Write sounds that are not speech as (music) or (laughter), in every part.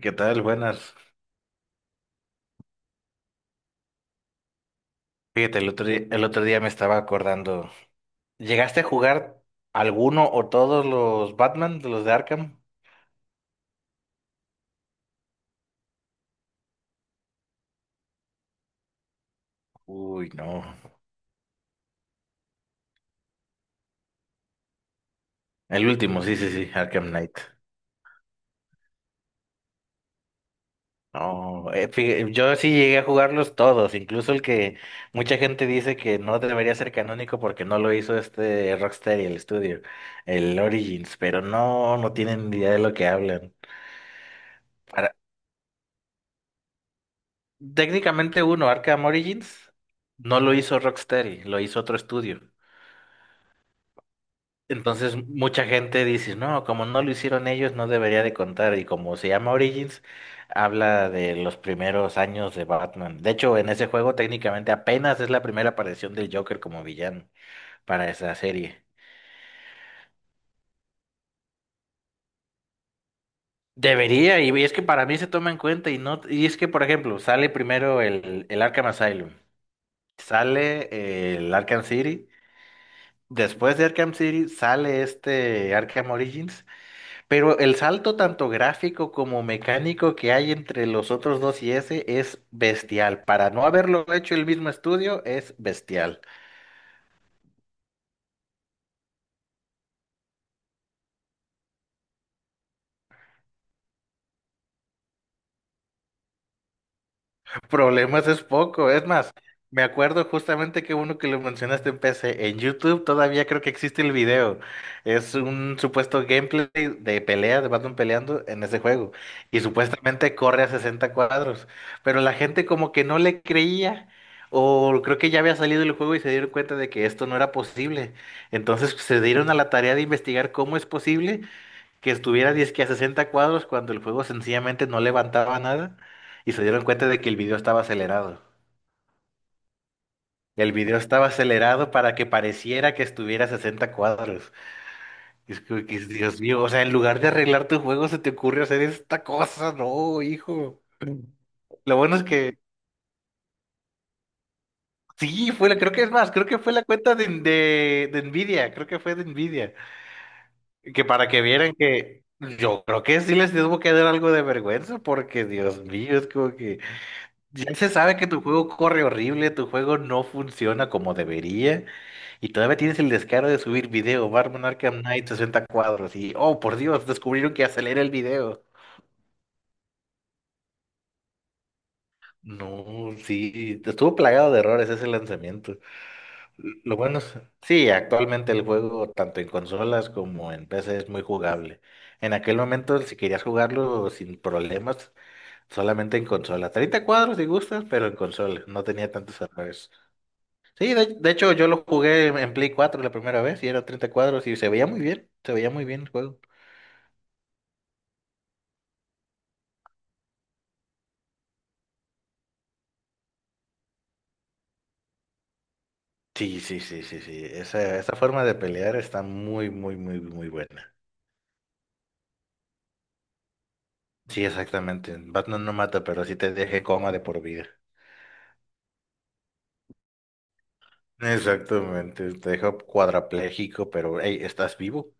¿Qué tal? Buenas. Fíjate, el otro día me estaba acordando. ¿Llegaste a jugar alguno o todos los Batman de los de Arkham? Uy, no. El último, sí, sí, sí, Arkham Knight. No, yo sí llegué a jugarlos todos, incluso el que mucha gente dice que no debería ser canónico porque no lo hizo este Rocksteady, el estudio, el Origins, pero no, no tienen ni idea de lo que hablan. Para- Técnicamente uno, Arkham Origins, no lo hizo Rocksteady, lo hizo otro estudio. Entonces mucha gente dice, no, como no lo hicieron ellos, no debería de contar. Y como se llama Origins, habla de los primeros años de Batman. De hecho, en ese juego técnicamente apenas es la primera aparición del Joker como villano para esa serie. Debería, y es que para mí se toma en cuenta y no, y es que, por ejemplo, sale primero el Arkham Asylum, sale el Arkham City, después de Arkham City sale este Arkham Origins. Pero el salto tanto gráfico como mecánico que hay entre los otros dos y ese es bestial. Para no haberlo hecho el mismo estudio, es bestial. Problemas es poco, es más, me acuerdo justamente que uno que lo mencionaste en PC, en YouTube todavía creo que existe el video, es un supuesto gameplay de pelea, de Batman peleando en ese juego, y supuestamente corre a 60 cuadros, pero la gente como que no le creía, o creo que ya había salido el juego y se dieron cuenta de que esto no era posible, entonces se dieron a la tarea de investigar cómo es posible que estuviera dizque a 60 cuadros cuando el juego sencillamente no levantaba nada y se dieron cuenta de que el video estaba acelerado. El video estaba acelerado para que pareciera que estuviera a 60 cuadros. Es como que, Dios mío, o sea, en lugar de arreglar tu juego se te ocurre hacer esta cosa, no, hijo. Lo bueno es que sí, fue la, creo que es más, creo que fue la cuenta de, de Nvidia, creo que fue de Nvidia, que para que vieran que yo creo que sí les tuvo que dar algo de vergüenza porque Dios mío, es como que ya se sabe que tu juego corre horrible, tu juego no funciona como debería, y todavía tienes el descaro de subir video, Batman Arkham Knight 60 cuadros, y oh por Dios, descubrieron que acelera el video. No, sí, estuvo plagado de errores ese lanzamiento. Lo bueno es, sí, actualmente el juego, tanto en consolas como en PC, es muy jugable. En aquel momento, si querías jugarlo sin problemas, solamente en consola, 30 cuadros si gustas, pero en consola, no tenía tantos errores. Sí, de hecho yo lo jugué en Play 4 la primera vez y era 30 cuadros y se veía muy bien, se veía muy bien el juego. Sí, sí, sí, sí, sí. Esa forma de pelear está muy, muy, muy, muy buena. Sí, exactamente. Batman no mata, pero sí te deja en coma de por vida. Exactamente, te deja cuadrapléjico, pero hey, ¿estás vivo?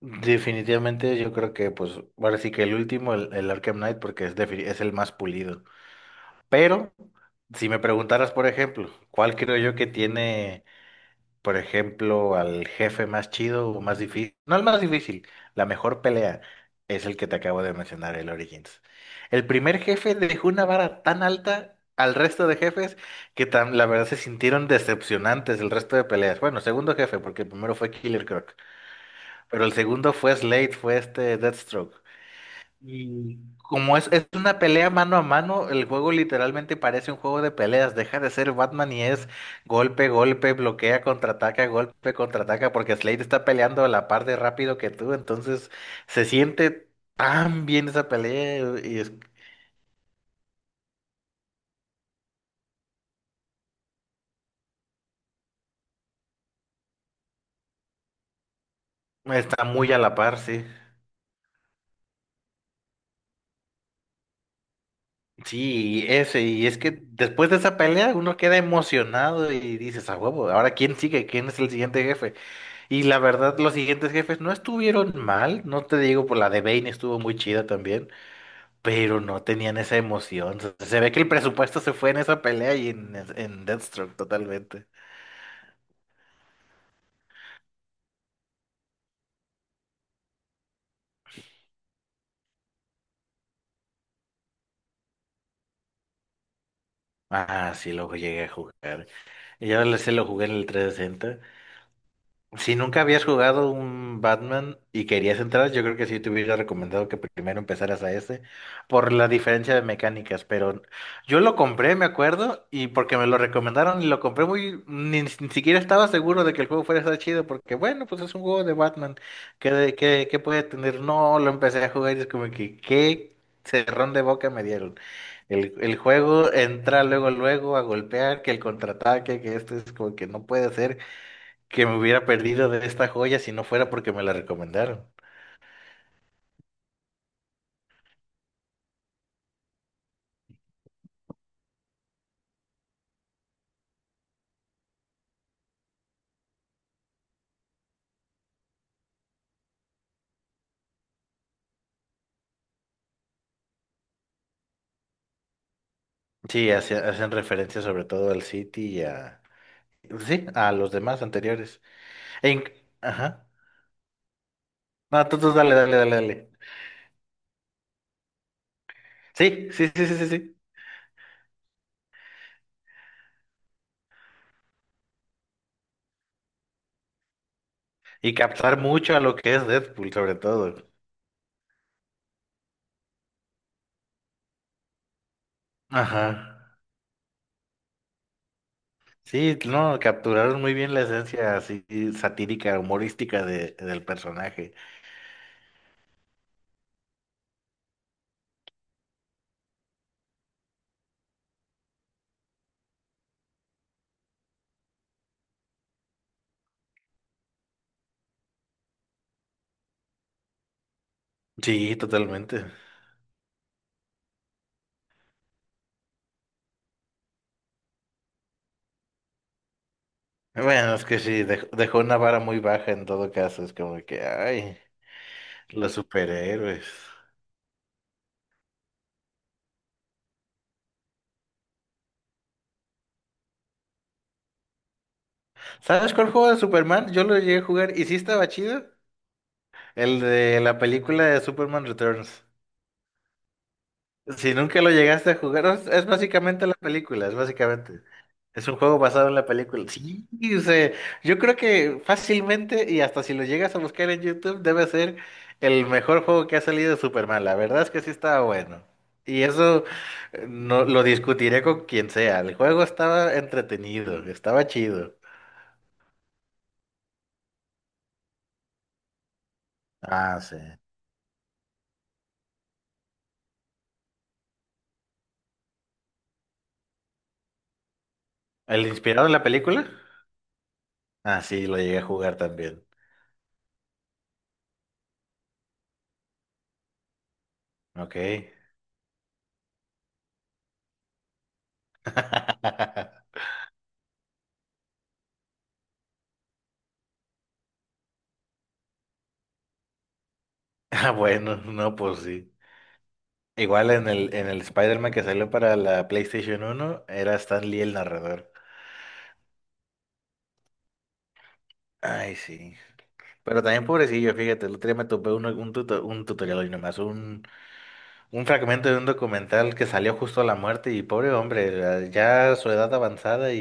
Definitivamente yo creo que pues ahora sí que el último, el Arkham Knight, porque es el más pulido. Pero si me preguntaras, por ejemplo, ¿cuál creo yo que tiene, por ejemplo, al jefe más chido o más difícil, no el más difícil, la mejor pelea? Es el que te acabo de mencionar, el Origins. El primer jefe dejó una vara tan alta al resto de jefes que la verdad se sintieron decepcionantes el resto de peleas. Bueno, segundo jefe, porque el primero fue Killer Croc, pero el segundo fue Slade, fue este Deathstroke. Y como es una pelea mano a mano, el juego literalmente parece un juego de peleas. Deja de ser Batman y es golpe, golpe, bloquea, contraataca, golpe, contraataca, porque Slade está peleando a la par de rápido que tú. Entonces se siente tan bien esa pelea y está muy a la par, sí. Sí, y ese, y es que después de esa pelea uno queda emocionado y dices, a huevo, ahora quién sigue, quién es el siguiente jefe. Y la verdad, los siguientes jefes no estuvieron mal, no te digo, por la de Bane estuvo muy chida también, pero no tenían esa emoción. Se ve que el presupuesto se fue en esa pelea y en Deathstroke totalmente. Ah, sí, luego llegué a jugar. Y ahora se lo jugué en el 360. Si nunca habías jugado un Batman y querías entrar, yo creo que sí te hubiera recomendado que primero empezaras a ese, por la diferencia de mecánicas, pero yo lo compré, me acuerdo, y porque me lo recomendaron y lo compré muy, ni siquiera estaba seguro de que el juego fuera a estar chido, porque bueno, pues es un juego de Batman, ¿qué puede tener? No, lo empecé a jugar y es como que, ¿qué cerrón de boca me dieron? El juego entra luego, luego a golpear, que el contraataque, que esto es como que no puede ser que me hubiera perdido de esta joya si no fuera porque me la recomendaron. Sí, hacen referencia sobre todo al City y a... Sí, a los demás anteriores. E inc- Ajá. No, tú dale, dale, dale, dale. Sí, sí, sí, sí, sí, sí. Y captar mucho a lo que es Deadpool, sobre todo. Ajá. Sí, no, capturaron muy bien la esencia así satírica, humorística del personaje. Sí, totalmente. Bueno, es que sí, dejó una vara muy baja en todo caso, es como que, ay. Los superhéroes. ¿Sabes cuál juego de Superman? Yo lo llegué a jugar y sí estaba chido. El de la película de Superman Returns. Si nunca lo llegaste a jugar, es básicamente la película, es básicamente. Es un juego basado en la película. Sí, o sea, yo creo que fácilmente y hasta si lo llegas a buscar en YouTube debe ser el mejor juego que ha salido de Superman. La verdad es que sí estaba bueno. Y eso no lo discutiré con quien sea. El juego estaba entretenido, estaba chido. Ah, sí. ¿El inspirado en la película? Ah, sí, lo llegué a jugar también. Ok. (laughs) Ah, bueno, no, pues sí. Igual en el Spider-Man que salió para la PlayStation 1 era Stan Lee el narrador. Ay, sí. Pero también pobrecillo, fíjate, el otro día me topé un, un tutorial y nomás, un fragmento de un documental que salió justo a la muerte y pobre hombre, ya ya su edad avanzada.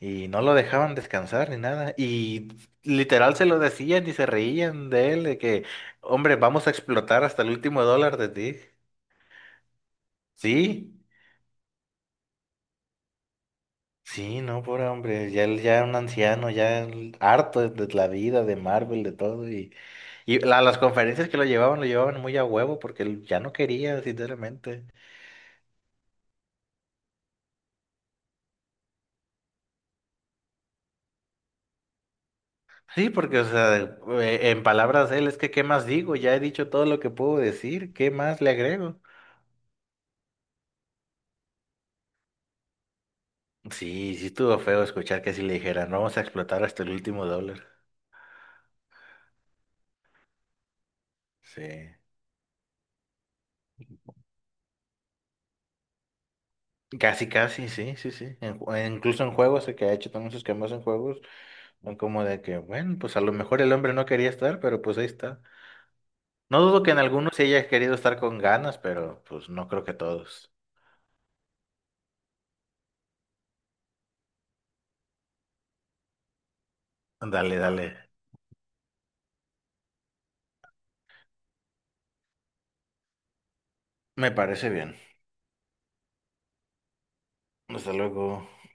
Y no lo dejaban descansar ni nada. Y literal se lo decían y se reían de él, de que, hombre, vamos a explotar hasta el último dólar de ti. Sí, sí, no, pobre hombre, ya, ya un anciano, ya él harto de la vida, de Marvel, de todo. Y las conferencias que lo llevaban muy a huevo porque él ya no quería, sinceramente. Sí, porque, o sea, en palabras de él, es que, ¿qué más digo? Ya he dicho todo lo que puedo decir, ¿qué más le agrego? Sí, sí estuvo feo escuchar que así le dijeran, vamos a explotar hasta el último dólar. Sí. Casi, casi, sí, sí, sí. Incluso en juegos, el que ha hecho también sus cambios en juegos, son como de que, bueno, pues a lo mejor el hombre no quería estar, pero pues ahí está. No dudo que en algunos sí haya querido estar con ganas, pero pues no creo que todos. Dale, dale. Me parece bien. Hasta luego.